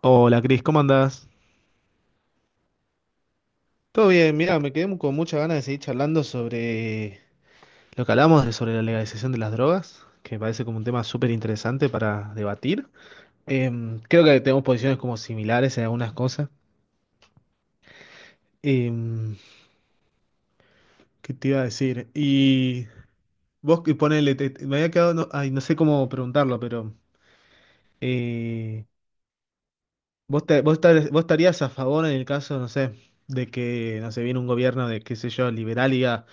Hola Cris, ¿cómo andás? Todo bien, mira, me quedé con muchas ganas de seguir charlando sobre lo que hablamos de sobre la legalización de las drogas, que me parece como un tema súper interesante para debatir. Creo que tenemos posiciones como similares en algunas cosas. Em, ¿Qué te iba a decir? Y vos que ponele, me había quedado, no, ay, no sé cómo preguntarlo, pero eh, vos estarías a favor en el caso, no sé, de que, no sé, viene un gobierno de, qué sé yo, liberal y diga,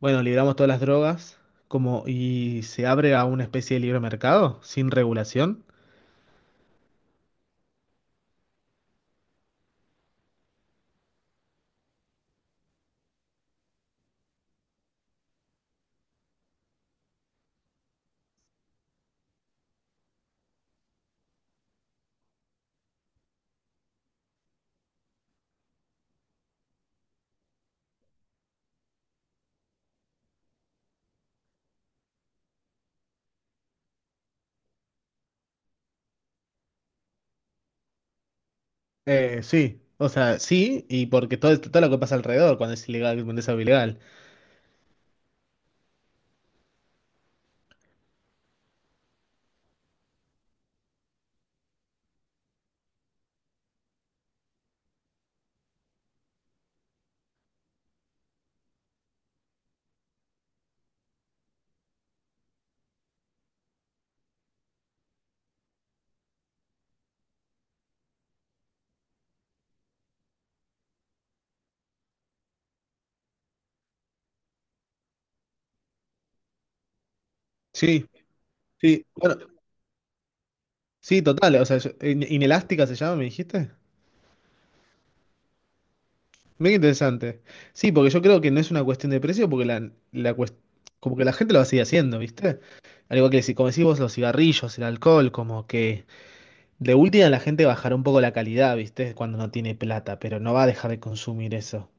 bueno, liberamos todas las drogas como y se abre a una especie de libre mercado sin regulación. Sí, o sea, sí, y porque todo, todo lo que pasa alrededor cuando es ilegal, cuando es algo ilegal. Sí, sí, bueno, sí, total, o sea, inelástica se llama, me dijiste. Mira, interesante. Sí, porque yo creo que no es una cuestión de precio, porque como que la gente lo va a seguir haciendo, ¿viste? Al igual que si, como decís vos, los cigarrillos, el alcohol, como que de última la gente bajará un poco la calidad, ¿viste? Cuando no tiene plata, pero no va a dejar de consumir eso.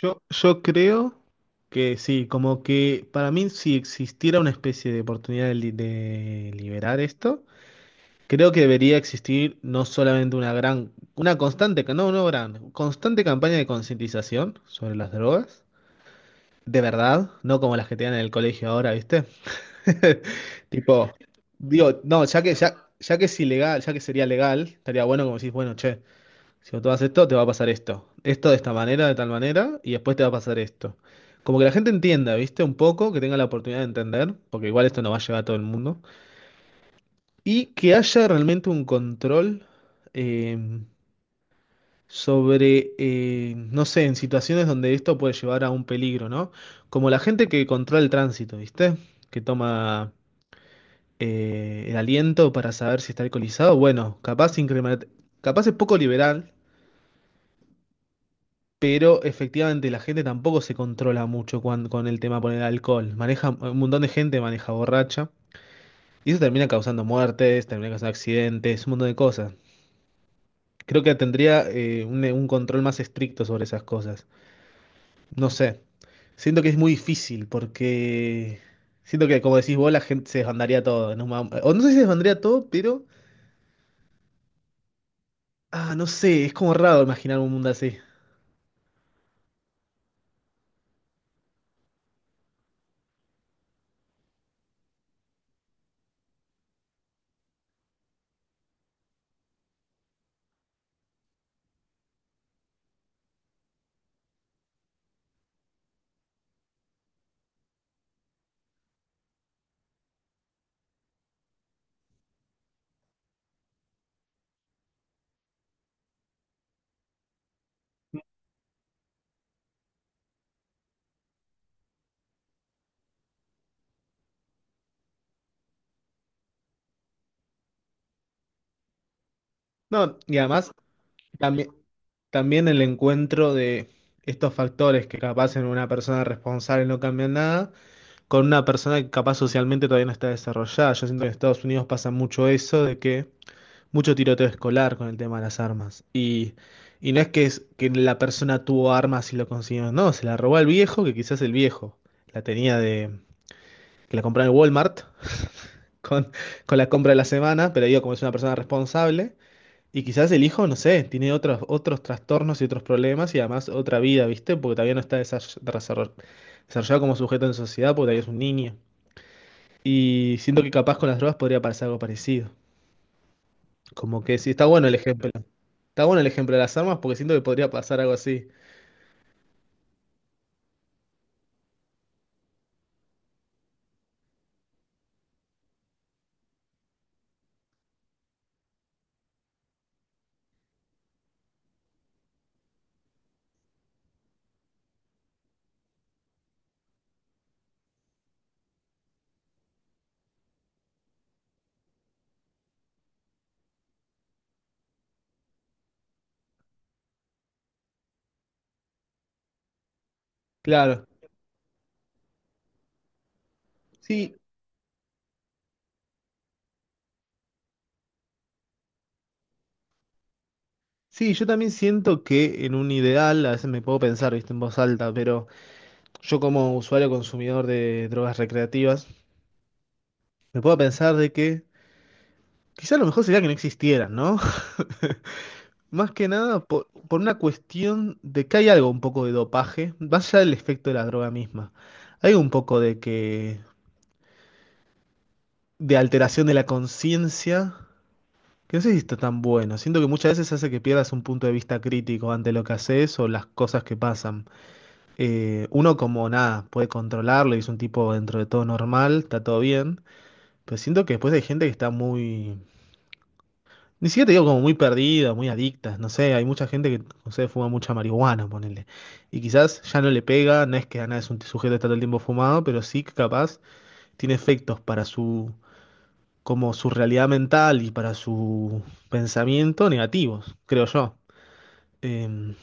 Yo creo que sí, como que para mí si existiera una especie de oportunidad de, de liberar esto, creo que debería existir no solamente una gran, una constante, no, no gran, constante campaña de concientización sobre las drogas, de verdad, no como las que te dan en el colegio ahora, ¿viste? Tipo, digo, no, ya que es ilegal, ya que sería legal, estaría bueno como decís, bueno, che, si vos tomas esto, te va a pasar esto. Esto de esta manera, de tal manera, y después te va a pasar esto. Como que la gente entienda, ¿viste? Un poco, que tenga la oportunidad de entender, porque igual esto no va a llegar a todo el mundo. Y que haya realmente un control eh, sobre, no sé, en situaciones donde esto puede llevar a un peligro, ¿no? Como la gente que controla el tránsito, ¿viste? Que toma, el aliento para saber si está alcoholizado, bueno, capaz, capaz es poco liberal, pero efectivamente la gente tampoco se controla mucho con el tema por el alcohol. Maneja, un montón de gente maneja borracha y eso termina causando muertes, termina causando accidentes, un montón de cosas. Creo que tendría un control más estricto sobre esas cosas. No sé. Siento que es muy difícil porque siento que, como decís vos, la gente se desbandaría todo o no sé si se desbandaría todo, pero ah, no sé, es como raro imaginar un mundo así. No, y además también, también el encuentro de estos factores que capaz en una persona responsable no cambian nada, con una persona que capaz socialmente todavía no está desarrollada. Yo siento que en Estados Unidos pasa mucho eso de que mucho tiroteo escolar con el tema de las armas. Y no es que, es que la persona tuvo armas y lo consiguió, no, se la robó al viejo, que quizás el viejo la tenía de... que la compró en el Walmart con, con la compra de la semana, pero digo, como es una persona responsable. Y quizás el hijo, no sé, tiene otros trastornos y otros problemas y además otra vida, ¿viste? Porque todavía no está desarrollado como sujeto en sociedad porque todavía es un niño. Y siento que capaz con las drogas podría pasar algo parecido. Como que sí, está bueno el ejemplo. Está bueno el ejemplo de las armas porque siento que podría pasar algo así. Claro. Sí, sí, yo también siento que en un ideal, a veces me puedo pensar, ¿viste? En voz alta, pero yo como usuario consumidor de drogas recreativas, me puedo pensar de que quizás lo mejor sería que no existieran, ¿no? Más que nada por una cuestión de que hay algo un poco de dopaje, más allá del efecto de la droga misma. Hay un poco de que, de alteración de la conciencia, que no sé si está tan bueno. Siento que muchas veces hace que pierdas un punto de vista crítico ante lo que haces o las cosas que pasan. Uno como nada, puede controlarlo y es un tipo dentro de todo normal, está todo bien. Pero siento que después hay gente que está muy, ni siquiera te digo como muy perdidas, muy adictas, no sé, hay mucha gente que, no sé, fuma mucha marihuana, ponele. Y quizás ya no le pega, no es que nada es un sujeto que está todo el tiempo fumado, pero sí que capaz tiene efectos para su, como su realidad mental y para su pensamiento negativos, creo yo. Em,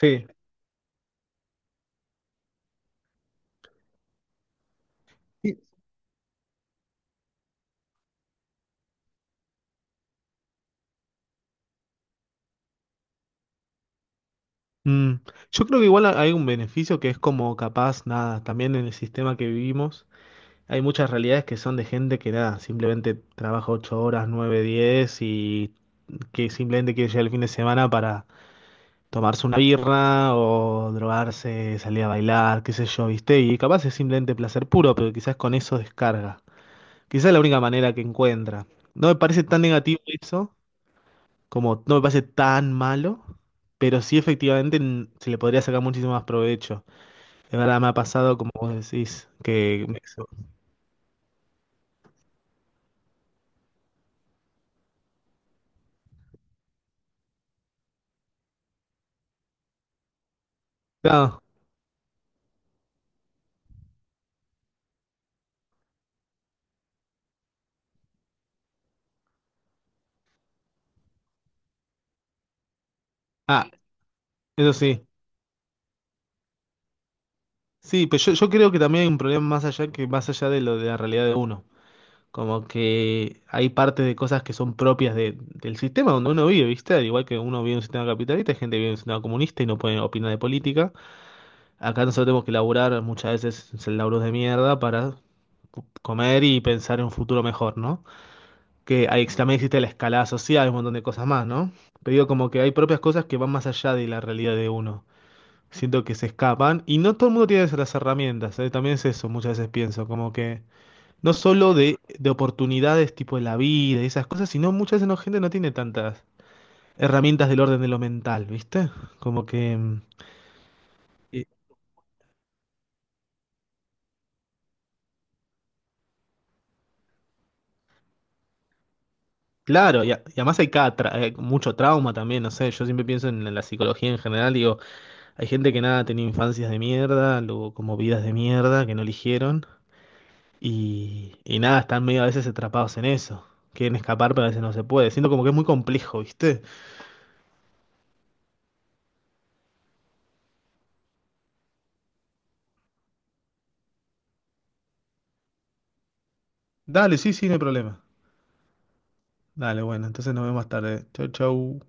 sí. Sí, Mm, yo creo que igual hay un beneficio que es como capaz, nada, también en el sistema que vivimos hay muchas realidades que son de gente que nada, simplemente trabaja 8 horas, 9, 10 y que simplemente quiere llegar el fin de semana para tomarse una birra o drogarse, salir a bailar, qué sé yo, ¿viste? Y capaz es simplemente placer puro, pero quizás con eso descarga. Quizás es la única manera que encuentra. No me parece tan negativo eso, como no me parece tan malo, pero sí efectivamente se le podría sacar muchísimo más provecho. De verdad me ha pasado, como vos decís, que... Claro. Ah, eso sí. Sí, pero yo creo que también hay un problema más allá que más allá de lo de la realidad de uno. Como que hay parte de cosas que son propias del sistema donde uno vive, ¿viste? Al igual que uno vive en un sistema capitalista, hay gente que vive en un sistema comunista y no puede opinar de política. Acá nosotros tenemos que laburar muchas veces en laburos de mierda para comer y pensar en un futuro mejor, ¿no? Que ahí también existe la escalada social, un montón de cosas más, ¿no? Pero digo, como que hay propias cosas que van más allá de la realidad de uno. Siento que se escapan y no todo el mundo tiene las herramientas, ¿eh? También es eso, muchas veces pienso, como que... No solo de oportunidades tipo de la vida y esas cosas, sino muchas veces no, gente no tiene tantas herramientas del orden de lo mental, ¿viste? Como que... y- Claro, y además hay mucho trauma también, no sé, yo siempre pienso en, la psicología en general, digo, hay gente que nada, tenía infancias de mierda, luego como vidas de mierda que no eligieron, y nada, están medio a veces atrapados en eso, quieren escapar pero a veces no se puede, siento como que es muy complejo, ¿viste? Dale, sí, sí, no hay problema. Dale, bueno, entonces nos vemos más tarde. Chau, chau.